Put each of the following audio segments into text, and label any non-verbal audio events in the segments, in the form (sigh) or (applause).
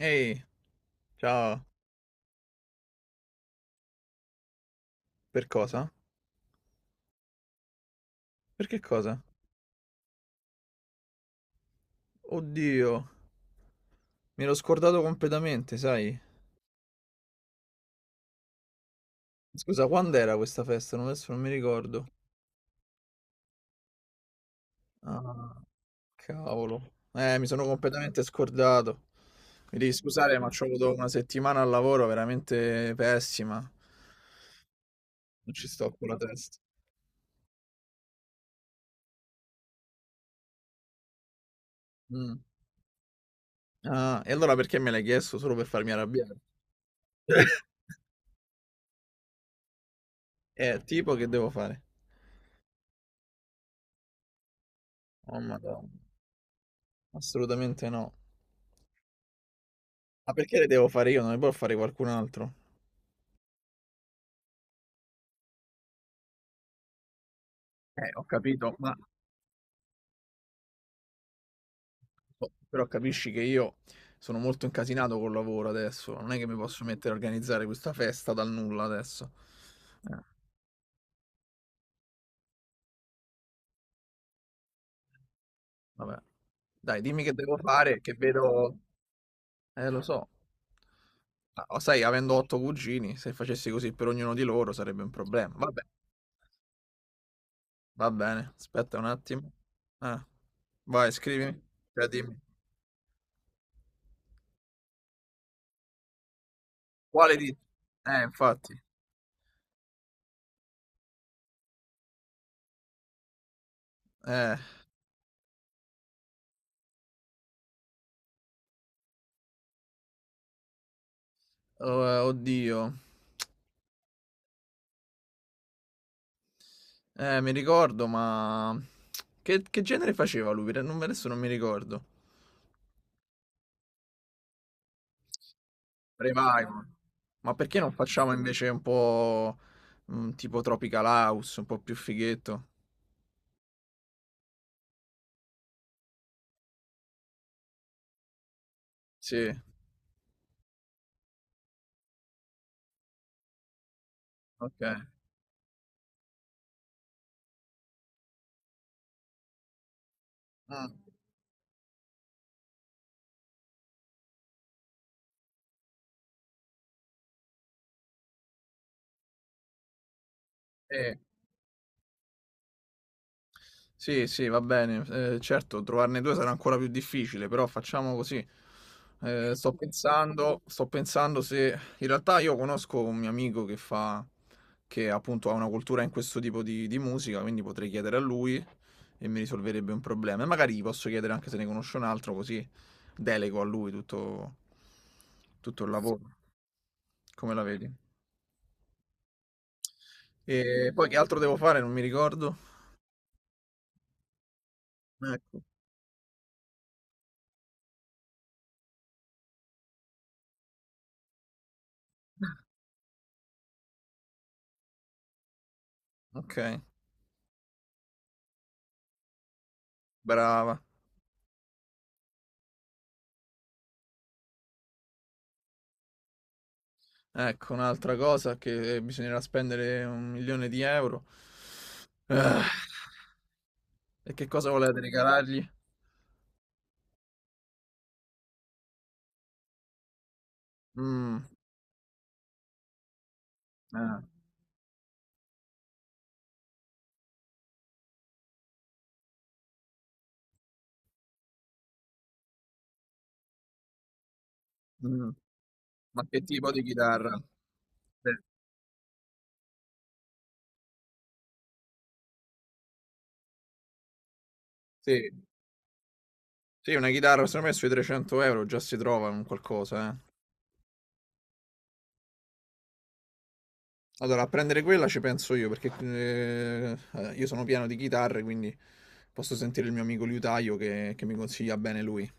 Ehi, ciao. Per cosa? Per che cosa? Oddio, mi ero scordato completamente, sai? Scusa, quando era questa festa? Non, Adesso non mi ricordo. Ah, cavolo. Mi sono completamente scordato. Mi devi scusare, ma c'ho avuto una settimana al lavoro veramente pessima. Non ci sto con la testa. Mm. Ah, e allora perché me l'hai chiesto? Solo per farmi arrabbiare? Tipo che devo fare? Oh, madonna. Assolutamente no. Ma perché le devo fare io? Non le può fare qualcun altro? Ho capito, ma oh, però capisci che io sono molto incasinato col lavoro adesso, non è che mi posso mettere a organizzare questa festa dal nulla adesso. Eh, vabbè. Dai, dimmi che devo fare, che vedo... lo so. Ah, oh, sai, avendo otto cugini, se facessi così per ognuno di loro sarebbe un problema. Vabbè, va bene, aspetta un attimo. Ah, vai, scrivimi. Cioè, dimmi. Quale di... infatti. Eh, oh, oddio. Mi ricordo, ma... Che genere faceva lui? Perché non- Adesso non mi ricordo. Revival. Ma perché non facciamo invece un po' tipo Tropical House, un po' più fighetto? Sì, ok. Mm, sì. Sì, sì, va bene. Certo, trovarne due sarà ancora più difficile, però facciamo così. Eh, sto pensando se... In realtà io conosco un mio amico che fa... che appunto ha una cultura in questo tipo di musica, quindi potrei chiedere a lui e mi risolverebbe un problema. E magari gli posso chiedere anche se ne conosce un altro, così delego a lui tutto, tutto il lavoro. Come la vedi? E poi che altro devo fare? Non mi ricordo. Ecco. Ok, brava. Ecco, un'altra cosa che bisognerà spendere un milione di euro. Ah, e che cosa volete regalargli? Mm, ah, mm. Ma che tipo di chitarra? Eh, Sì, sì, una chitarra, secondo me sui 300 euro già si trova un qualcosa, eh. Allora, a prendere quella ci penso io, perché io sono pieno di chitarre, quindi posso sentire il mio amico liutaio che mi consiglia bene lui.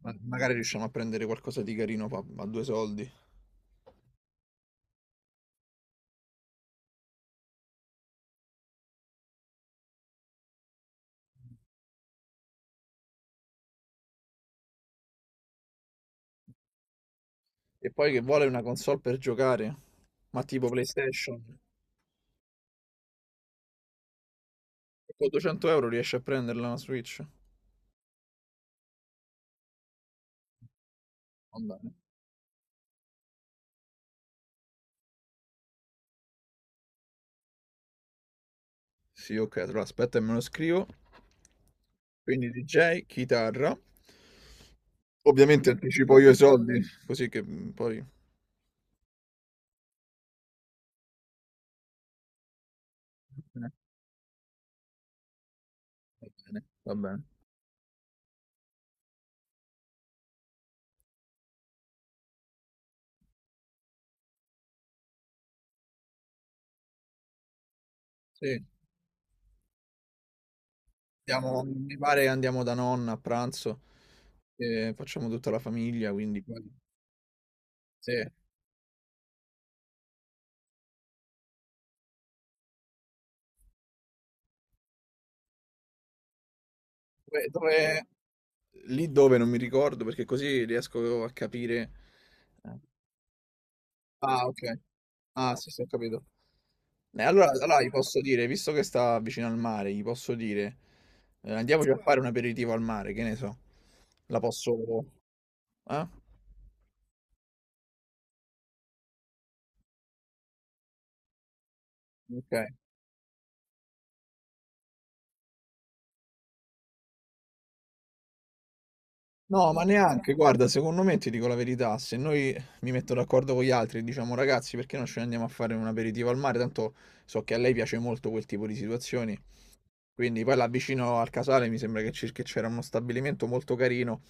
Magari riusciamo a prendere qualcosa di carino a due soldi. E poi che vuole una console per giocare? Ma tipo PlayStation, con 200 euro riesci a prenderla una Switch? Va bene. Sì, ok, allora aspetta e me lo scrivo. Quindi DJ, chitarra. Ovviamente anticipo io i soldi, così che mm, poi... Eh, va bene, va bene. Sì, mi pare che andiamo da nonna a pranzo, e facciamo tutta la famiglia, quindi... Sì, Dove- dove- Lì dove non mi ricordo, perché così riesco a capire... eh, ah, ok. Ah, sì, sì, ho capito. Eh, allora gli posso dire, visto che sta vicino al mare, gli posso dire, andiamoci a fare un aperitivo al mare, che ne so. La posso... Eh? Ok. No, ma neanche, guarda, secondo me ti dico la verità, se noi mi metto d'accordo con gli altri e diciamo ragazzi, perché non ce ne andiamo a fare un aperitivo al mare? Tanto so che a lei piace molto quel tipo di situazioni. Quindi poi là vicino al Casale mi sembra che che c'era uno stabilimento molto carino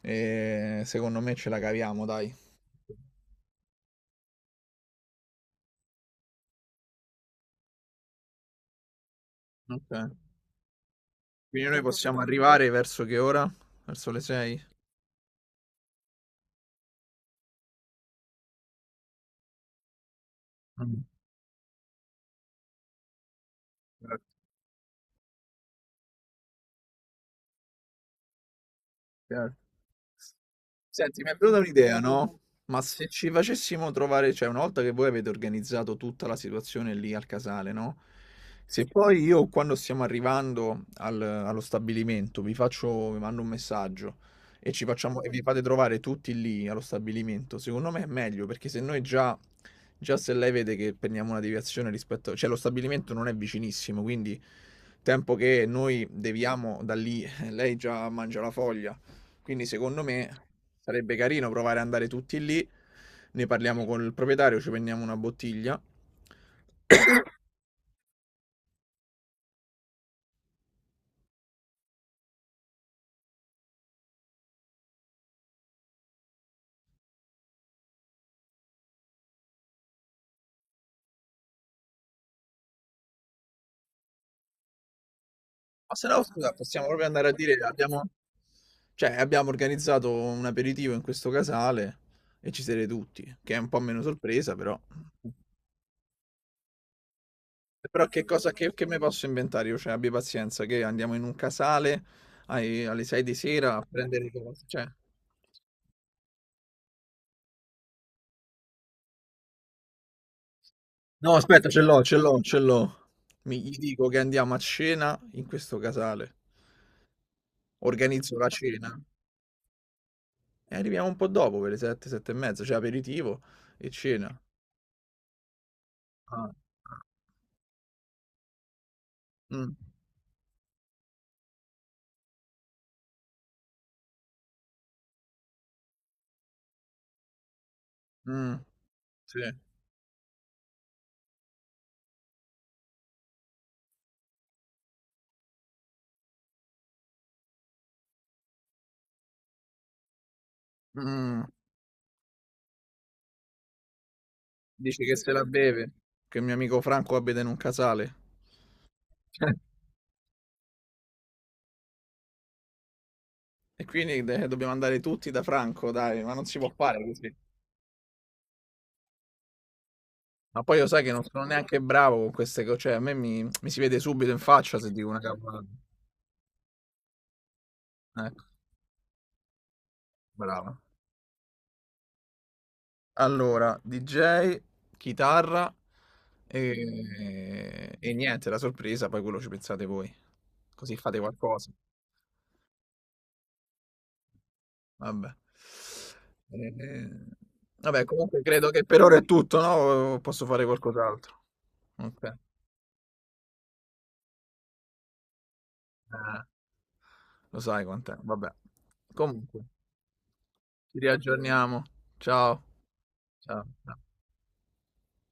e secondo me ce la caviamo, dai. Ok. Quindi noi possiamo arrivare verso che ora? Verso le 6? Certo. Senti, mi è venuta un'idea, no? Ma se ci facessimo trovare, cioè una volta che voi avete organizzato tutta la situazione lì al casale, no? Se poi io quando stiamo arrivando allo stabilimento vi faccio, vi mando un messaggio e ci facciamo, e vi fate trovare tutti lì allo stabilimento, secondo me è meglio perché se noi già, già se lei vede che prendiamo una deviazione rispetto, cioè lo stabilimento non è vicinissimo, quindi tempo che noi deviamo da lì, (laughs) lei già mangia la foglia, quindi secondo me sarebbe carino provare ad andare tutti lì, ne parliamo col proprietario, ci prendiamo una bottiglia. Ma se no, scusa, possiamo proprio andare a dire, cioè, abbiamo organizzato un aperitivo in questo casale e ci siete tutti, che è un po' meno sorpresa, però... Però che mi posso inventare io? Cioè, abbi pazienza, che andiamo in un casale alle 6 di sera a prendere le cose, cioè... No, aspetta, ce l'ho, ce l'ho, ce l'ho. Gli dico che andiamo a cena in questo casale. Organizzo la cena e arriviamo un po' dopo per le 7, 7 e mezza, cioè aperitivo e cena. Ah. Mh. Mh. Sì. Mh. Dici che se la beve, che il mio amico Franco abita in un casale. (laughs) E quindi de dobbiamo andare tutti da Franco dai, ma non si può fare così. Ma poi lo sai che non sono neanche bravo con queste co cioè a me mi si vede subito in faccia se dico una cavolata. Ecco, brava. Allora, DJ, chitarra e niente, la sorpresa, poi quello ci pensate voi. Così fate qualcosa. Vabbè. Eh, vabbè, comunque credo che per ora è tutto, no? Posso fare qualcos'altro. Ok. Eh, lo sai quant'è. Vabbè. Comunque, ci riaggiorniamo. Ciao. Ciao.